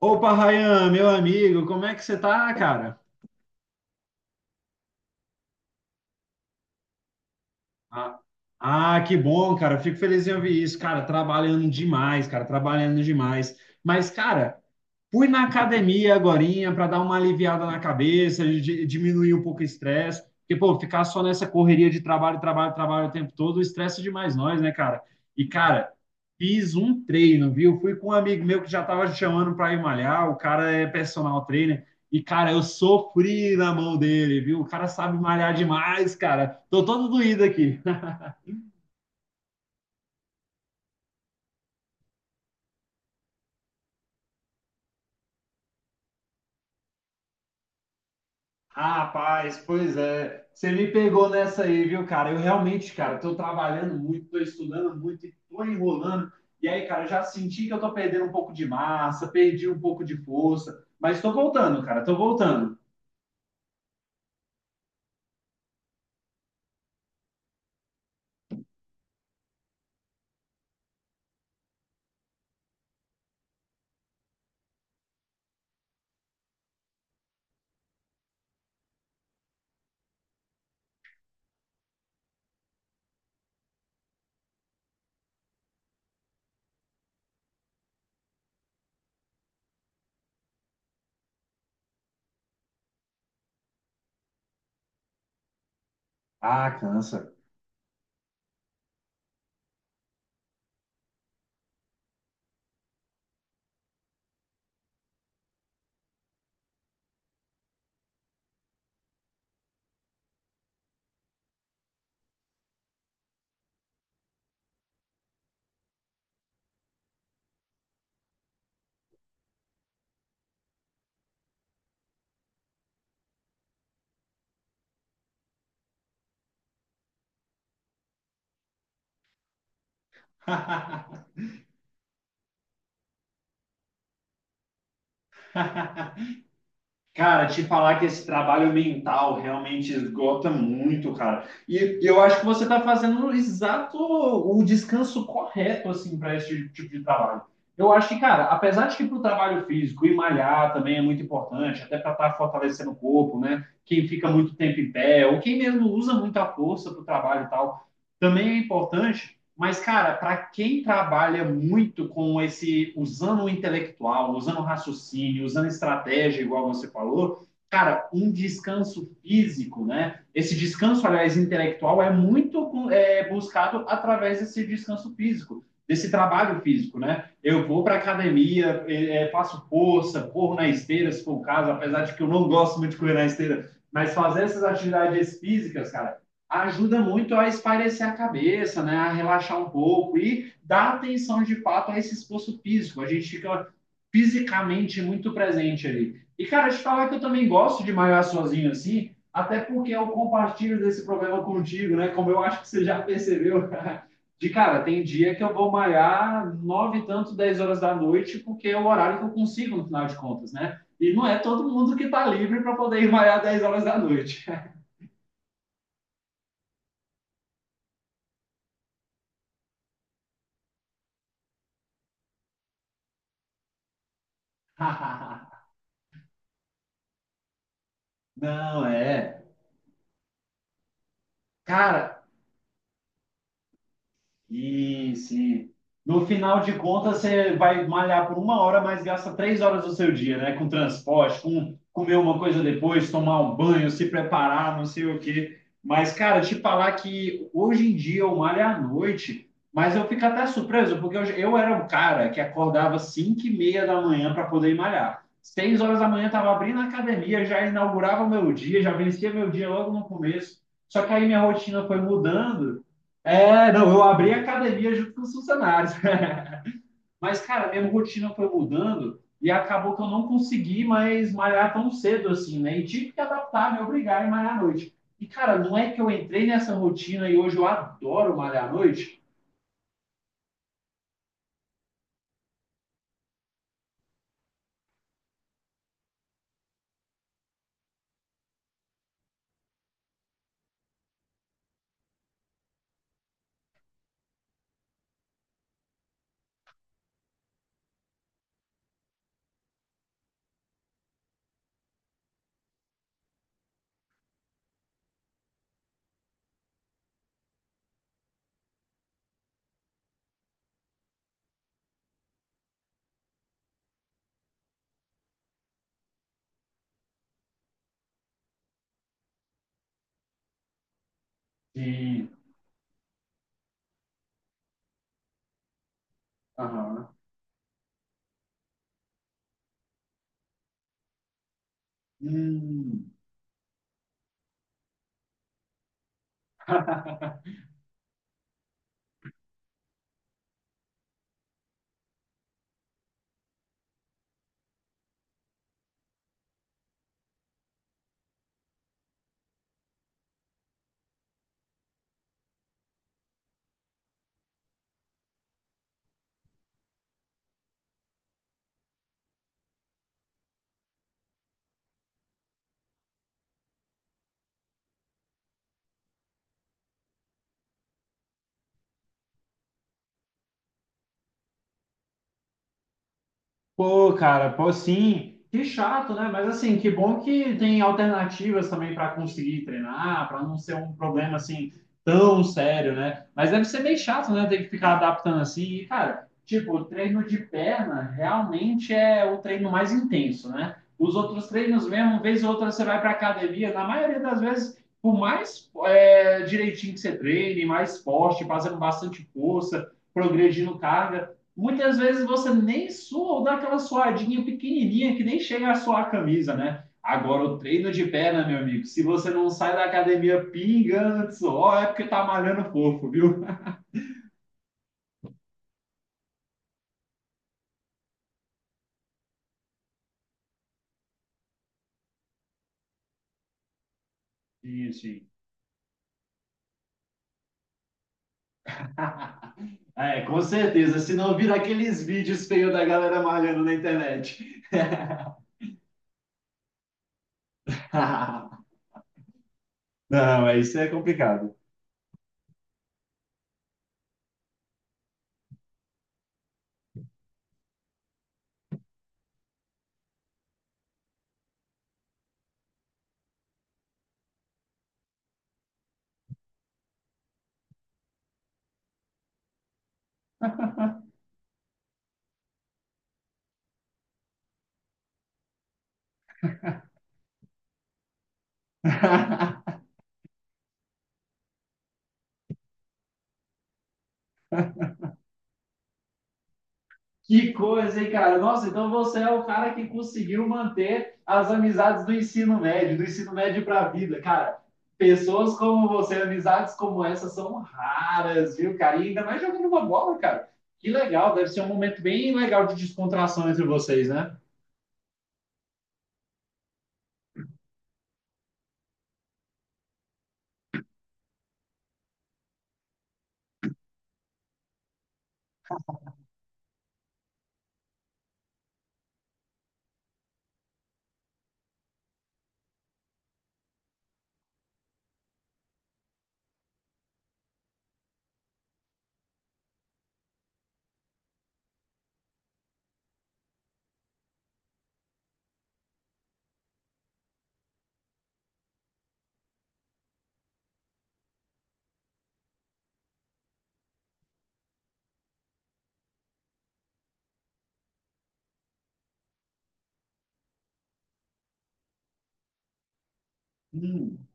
Opa, Rayan, meu amigo, como é que você tá, cara? Ah, que bom, cara. Eu fico feliz em ouvir isso, cara. Trabalhando demais, cara. Trabalhando demais. Mas, cara, fui na academia agorinha para dar uma aliviada na cabeça, diminuir um pouco o estresse. Porque, pô, ficar só nessa correria de trabalho, trabalho, trabalho o tempo todo, estressa demais nós, né, cara? E, cara, fiz um treino, viu? Fui com um amigo meu que já tava chamando para ir malhar. O cara é personal trainer. E, cara, eu sofri na mão dele, viu? O cara sabe malhar demais, cara. Tô todo doído aqui. Ah, Rapaz, pois é. Você me pegou nessa aí, viu, cara? Eu realmente, cara, tô trabalhando muito, tô estudando muito e tô enrolando. E aí, cara, eu já senti que eu tô perdendo um pouco de massa, perdi um pouco de força, mas tô voltando, cara, tô voltando. Ah, cansa. Cara, te falar que esse trabalho mental realmente esgota muito, cara. E eu acho que você está fazendo o exato o descanso correto assim para esse tipo de trabalho. Eu acho que, cara, apesar de que para o trabalho físico e malhar também é muito importante, até para estar fortalecendo o corpo, né? Quem fica muito tempo em pé, ou quem mesmo usa muita força para o trabalho e tal, também é importante. Mas, cara, para quem trabalha muito com esse, usando o intelectual, usando o raciocínio, usando estratégia, igual você falou, cara, um descanso físico, né? Esse descanso, aliás, intelectual é muito buscado através desse descanso físico, desse trabalho físico, né? Eu vou para academia, faço força, corro na esteira, se for o caso, apesar de que eu não gosto muito de correr na esteira, mas fazer essas atividades físicas, cara, ajuda muito a espairecer a cabeça, né? A relaxar um pouco e dar atenção de fato a esse esforço físico. A gente fica fisicamente muito presente ali. E, cara, te falar que eu também gosto de malhar sozinho assim, até porque eu compartilho desse problema contigo, né? Como eu acho que você já percebeu. De cara, tem dia que eu vou malhar nove e tanto, 10 horas da noite, porque é o horário que eu consigo, no final de contas, né? E não é todo mundo que tá livre para poder ir malhar 10 horas da noite. Não, é. Cara, isso. E no final de contas, você vai malhar por uma hora, mas gasta 3 horas do seu dia, né? Com transporte, com comer uma coisa depois, tomar um banho, se preparar, não sei o quê. Mas, cara, te falar que hoje em dia eu malho à noite, mas eu fico até surpreso, porque eu era um cara que acordava 5:30 da manhã para poder ir malhar. 6 horas da manhã estava abrindo a academia, já inaugurava o meu dia, já vencia meu dia logo no começo. Só que aí minha rotina foi mudando. É, não, eu abri a academia junto com os funcionários. Mas, cara, minha rotina foi mudando e acabou que eu não consegui mais malhar tão cedo assim, né? E tive que adaptar, me obrigar a malhar à noite. E, cara, não é que eu entrei nessa rotina e hoje eu adoro malhar à noite? E... Aham. Hum. Pô, cara, pô, sim, que chato, né? Mas assim, que bom que tem alternativas também para conseguir treinar, para não ser um problema assim tão sério, né? Mas deve ser bem chato, né? Ter que ficar adaptando assim. E, cara, tipo, o treino de perna realmente é o treino mais intenso, né? Os outros treinos mesmo, uma vez ou outra você vai para academia, na maioria das vezes, por mais direitinho que você treine, mais forte, fazendo bastante força, progredindo carga. Muitas vezes você nem sua ou dá aquela suadinha pequenininha que nem chega a suar a camisa, né? Agora, o treino de perna, meu amigo, se você não sai da academia pingando de suor, é porque tá malhando fofo, viu? Sim, sim. É, com certeza, se não vira aqueles vídeos feios da galera malhando na internet. Não, é isso é complicado. Que coisa, hein, cara? Nossa, então você é o cara que conseguiu manter as amizades do ensino médio para a vida, cara. Pessoas como você, amizades como essa são raras, viu, cara? E ainda mais jogando uma bola, cara. Que legal, deve ser um momento bem legal de descontração entre vocês, né? Hum,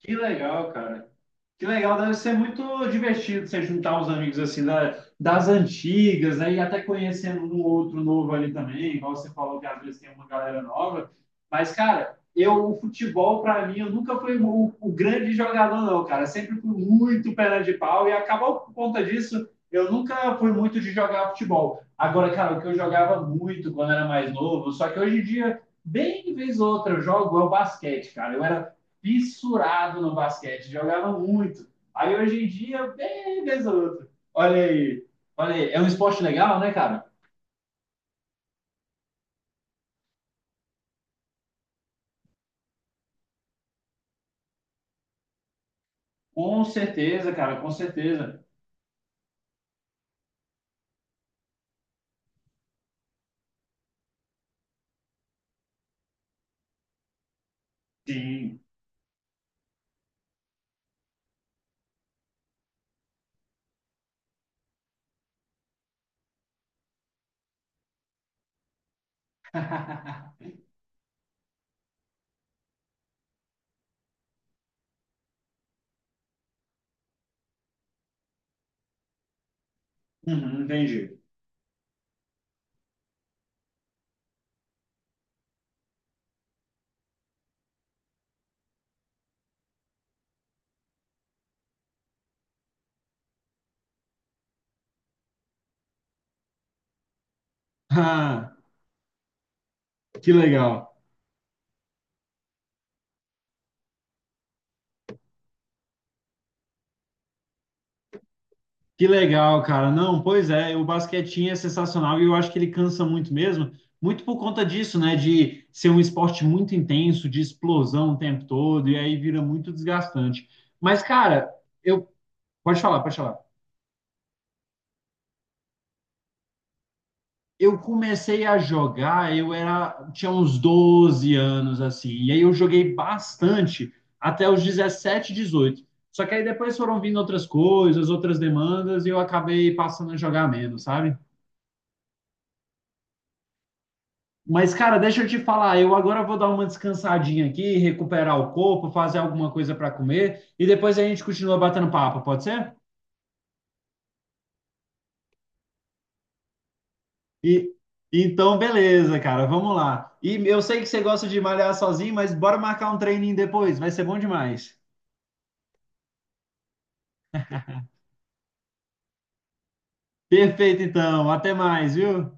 que legal, cara. Que legal, deve ser muito divertido você juntar uns amigos assim da, das antigas, né? E até conhecendo um outro novo ali também, igual você falou que às vezes tem uma galera nova. Mas, cara, eu, o futebol, para mim, eu nunca fui o grande jogador, não, cara. Sempre fui muito perna de pau e acabou por conta disso. Eu nunca fui muito de jogar futebol. Agora, cara, o que eu jogava muito quando era mais novo, só que hoje em dia, bem vez ou outra, eu jogo é o basquete, cara. Eu era fissurado no basquete, jogava muito. Aí hoje em dia, bem desoto. Olha aí, olha aí, é um esporte legal, né, cara? Com certeza, cara, com certeza. Sim. Uhum, entendi. Ah, que legal. Que legal, cara. Não, pois é, o basquetinho é sensacional e eu acho que ele cansa muito mesmo, muito por conta disso, né? De ser um esporte muito intenso, de explosão o tempo todo, e aí vira muito desgastante. Mas, cara, eu. Pode falar, pode falar. Eu comecei a jogar, eu era, tinha uns 12 anos assim, e aí eu joguei bastante até os 17, 18. Só que aí depois foram vindo outras coisas, outras demandas, e eu acabei passando a jogar menos, sabe? Mas, cara, deixa eu te falar, eu agora vou dar uma descansadinha aqui, recuperar o corpo, fazer alguma coisa para comer, e depois a gente continua batendo papo, pode ser? E então, beleza, cara, vamos lá. E eu sei que você gosta de malhar sozinho, mas bora marcar um treininho depois, vai ser bom demais. Perfeito, então. Até mais, viu?